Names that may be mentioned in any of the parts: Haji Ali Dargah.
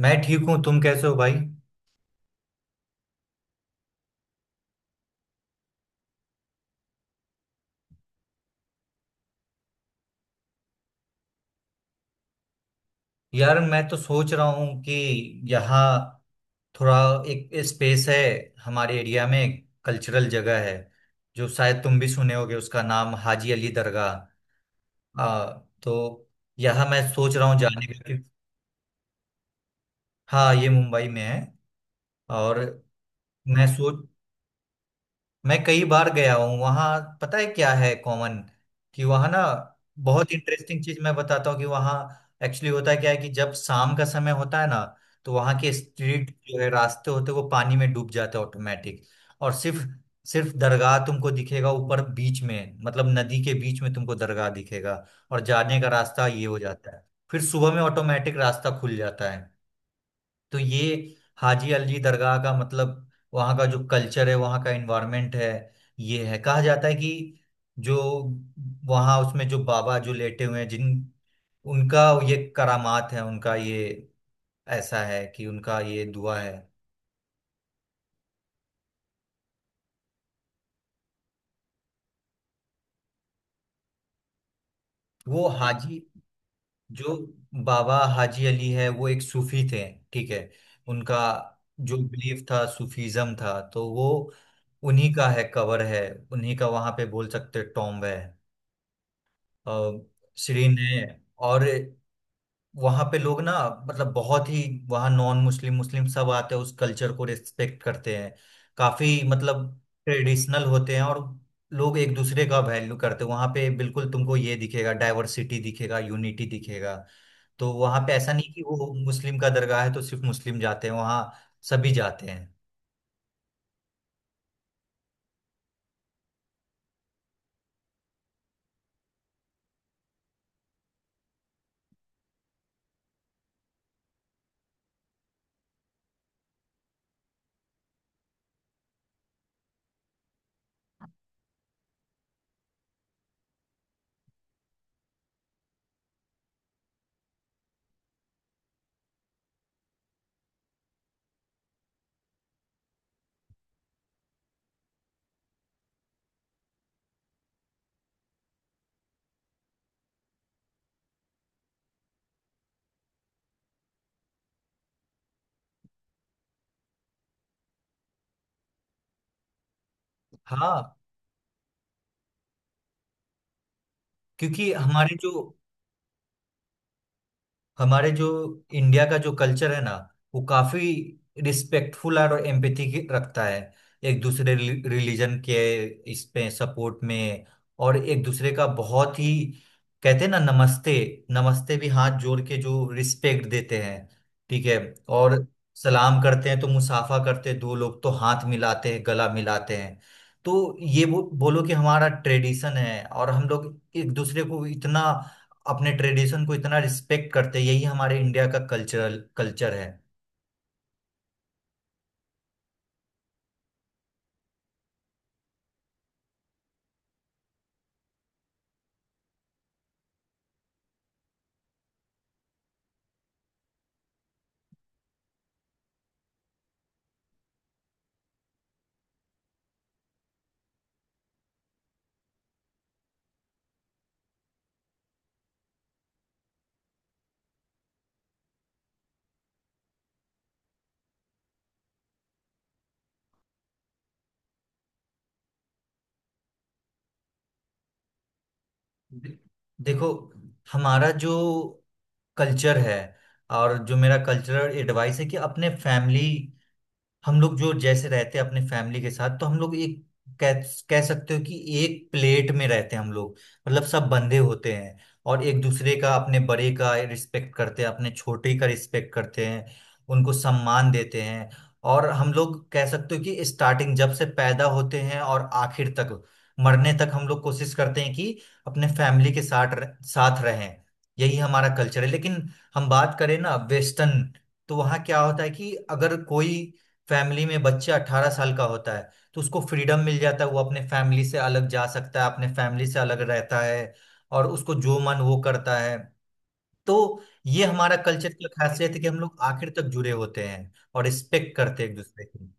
मैं ठीक हूँ। तुम कैसे हो भाई? यार, मैं तो सोच रहा हूँ कि यहाँ थोड़ा एक स्पेस है। हमारे एरिया में कल्चरल जगह है जो शायद तुम भी सुने होगे, उसका नाम हाजी अली दरगाह। आ, तो यहाँ मैं सोच रहा हूँ जाने का कि हाँ, ये मुंबई में है। और मैं सोच मैं कई बार गया हूँ वहाँ। पता है क्या है कॉमन, कि वहाँ ना बहुत इंटरेस्टिंग चीज मैं बताता हूँ कि वहाँ एक्चुअली होता क्या है कि जब शाम का समय होता है ना, तो वहाँ के स्ट्रीट जो है, रास्ते होते हैं, वो पानी में डूब जाते हैं ऑटोमेटिक। और सिर्फ सिर्फ दरगाह तुमको दिखेगा ऊपर, बीच में, मतलब नदी के बीच में तुमको दरगाह दिखेगा, और जाने का रास्ता ये हो जाता है। फिर सुबह में ऑटोमेटिक रास्ता खुल जाता है। तो ये हाजी अलजी दरगाह का मतलब, वहाँ का जो कल्चर है, वहाँ का एनवायरनमेंट है, ये है। कहा जाता है कि जो वहाँ उसमें जो बाबा जो लेटे हुए हैं जिन, उनका ये करामात है, उनका ये ऐसा है कि उनका ये दुआ है। वो हाजी जो बाबा हाजी अली है, वो एक सूफी थे। ठीक है। उनका जो बिलीफ था, सूफीज्म था, तो वो उन्हीं का है, कवर है, उन्हीं का वहां पे बोल सकते टॉम्ब है, सीरीन है। और वहां पे लोग ना मतलब बहुत ही, वहाँ नॉन मुस्लिम मुस्लिम सब आते हैं, उस कल्चर को रिस्पेक्ट करते हैं, काफी मतलब ट्रेडिशनल होते हैं। और लोग एक दूसरे का वैल्यू करते हैं। वहां पे बिल्कुल तुमको ये दिखेगा, डाइवर्सिटी दिखेगा, यूनिटी दिखेगा। तो वहां पे ऐसा नहीं कि वो मुस्लिम का दरगाह है तो सिर्फ मुस्लिम जाते हैं वहाँ, सभी जाते हैं। हाँ, क्योंकि हमारे जो इंडिया का जो कल्चर है ना, वो काफी रिस्पेक्टफुल और एम्पैथी रखता है एक दूसरे रिलीजन के, इस पे सपोर्ट में। और एक दूसरे का बहुत ही, कहते हैं ना, नमस्ते। नमस्ते भी हाथ जोड़ के जो रिस्पेक्ट देते हैं, ठीक है। और सलाम करते हैं तो मुसाफा करते हैं, दो लोग तो हाथ मिलाते हैं, गला मिलाते हैं। तो ये बोलो कि हमारा ट्रेडिशन है, और हम लोग एक दूसरे को इतना, अपने ट्रेडिशन को इतना रिस्पेक्ट करते हैं, यही हमारे इंडिया का कल्चरल कल्चर है। दे- देखो, हमारा जो कल्चर है, और जो मेरा कल्चरल एडवाइस है कि अपने फैमिली, हम लोग जो जैसे रहते हैं अपने फैमिली के साथ, तो हम लोग एक कह कह सकते हो कि एक प्लेट में रहते हैं हम लोग। मतलब सब बंधे होते हैं, और एक दूसरे का, अपने बड़े का रिस्पेक्ट करते हैं, अपने छोटे का रिस्पेक्ट करते हैं, उनको सम्मान देते हैं। और हम लोग कह सकते हो कि स्टार्टिंग, जब से पैदा होते हैं और आखिर तक, मरने तक हम लोग कोशिश करते हैं कि अपने फैमिली के साथ साथ रहें। यही हमारा कल्चर है। लेकिन हम बात करें ना वेस्टर्न, तो वहाँ क्या होता है कि अगर कोई फैमिली में बच्चा 18 साल का होता है, तो उसको फ्रीडम मिल जाता है, वो अपने फैमिली से अलग जा सकता है, अपने फैमिली से अलग रहता है, और उसको जो मन वो करता है। तो ये हमारा कल्चर की खासियत है कि हम लोग आखिर तक जुड़े होते हैं और रिस्पेक्ट करते हैं एक दूसरे की।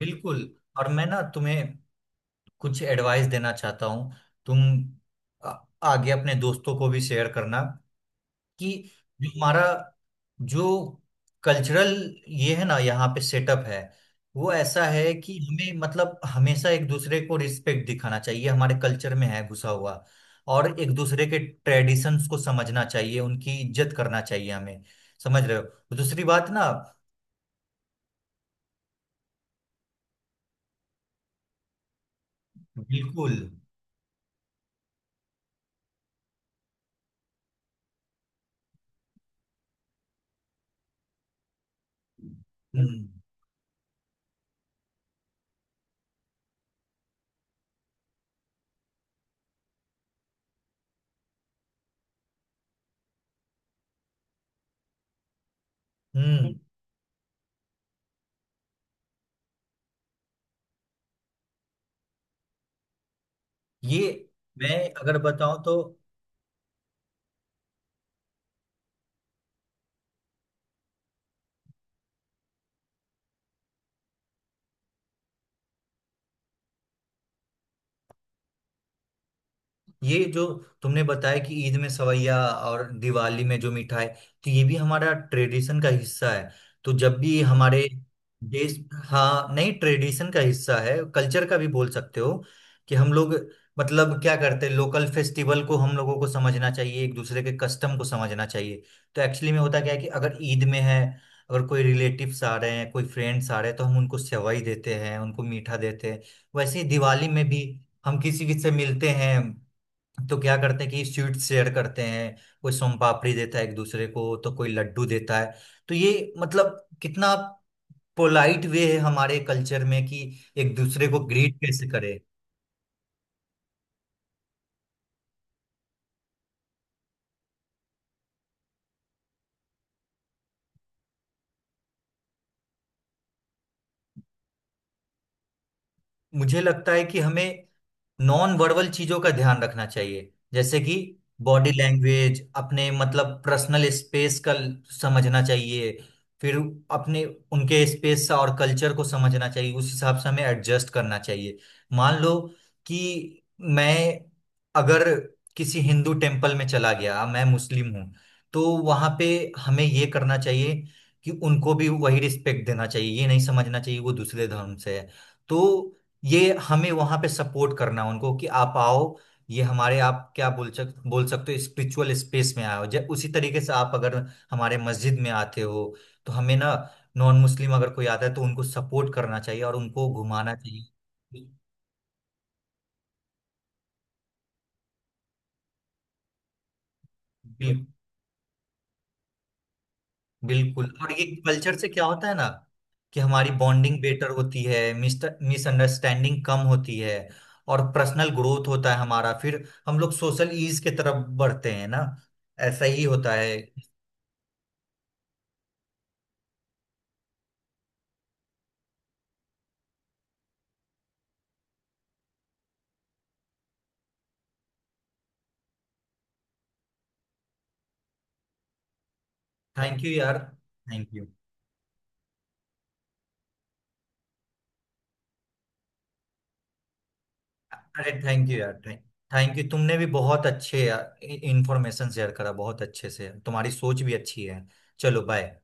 बिल्कुल। और मैं ना तुम्हें कुछ एडवाइस देना चाहता हूँ। तुम आ- आगे अपने दोस्तों को भी शेयर करना कि जो हमारा जो कल्चरल ये है ना, यहाँ पे सेटअप है, वो ऐसा है कि हमें, मतलब, हमेशा एक दूसरे को रिस्पेक्ट दिखाना चाहिए, हमारे कल्चर में है घुसा हुआ। और एक दूसरे के ट्रेडिशंस को समझना चाहिए, उनकी इज्जत करना चाहिए हमें, समझ रहे हो? दूसरी बात ना, बिल्कुल। हम्म हम्म। ये, मैं अगर बताऊं तो, ये जो तुमने बताया कि ईद में सवैया और दिवाली में जो मिठाई, तो ये भी हमारा ट्रेडिशन का हिस्सा है। तो जब भी हमारे देश, हाँ नहीं, ट्रेडिशन का हिस्सा है, कल्चर का भी बोल सकते हो कि हम लोग मतलब क्या करते हैं, लोकल फेस्टिवल को हम लोगों को समझना चाहिए, एक दूसरे के कस्टम को समझना चाहिए। तो एक्चुअली में होता क्या है कि अगर ईद में है, अगर कोई रिलेटिव्स आ रहे हैं, कोई फ्रेंड्स आ रहे हैं, तो हम उनको सेवई देते हैं, उनको मीठा देते हैं। वैसे ही दिवाली में भी हम किसी किसी से मिलते हैं, तो क्या करते हैं कि स्वीट्स शेयर करते हैं। कोई सोन पापड़ी देता है एक दूसरे को, तो कोई लड्डू देता है। तो ये मतलब कितना पोलाइट वे है हमारे कल्चर में कि एक दूसरे को ग्रीट कैसे करे। मुझे लगता है कि हमें नॉन वर्बल चीजों का ध्यान रखना चाहिए, जैसे कि बॉडी लैंग्वेज, अपने मतलब पर्सनल स्पेस का समझना चाहिए। फिर अपने, उनके स्पेस और कल्चर को समझना चाहिए, उस हिसाब से हमें एडजस्ट करना चाहिए। मान लो कि मैं अगर किसी हिंदू टेम्पल में चला गया, मैं मुस्लिम हूँ, तो वहां पे हमें ये करना चाहिए कि उनको भी वही रिस्पेक्ट देना चाहिए, ये नहीं समझना चाहिए वो दूसरे धर्म से है। तो ये हमें वहां पे सपोर्ट करना उनको कि आप आओ, ये हमारे, आप क्या बोल सक बोल सकते हो स्पिरिचुअल स्पेस में आओ। जब उसी तरीके से आप अगर हमारे मस्जिद में आते हो, तो हमें ना, नॉन मुस्लिम अगर कोई आता है, तो उनको सपोर्ट करना चाहिए और उनको घुमाना चाहिए। बिल, बिल्कुल। और ये कल्चर से क्या होता है ना, कि हमारी बॉन्डिंग बेटर होती है, मिसअंडरस्टैंडिंग कम होती है। और पर्सनल ग्रोथ होता है हमारा, फिर हम लोग सोशल ईज की तरफ बढ़ते हैं ना, ऐसा ही होता है। थैंक यू यार। थैंक यू अरे, थैंक यू यार। थैंक थैंक यू, तुमने भी बहुत अच्छे इंफॉर्मेशन शेयर करा, बहुत अच्छे से। तुम्हारी सोच भी अच्छी है। चलो बाय।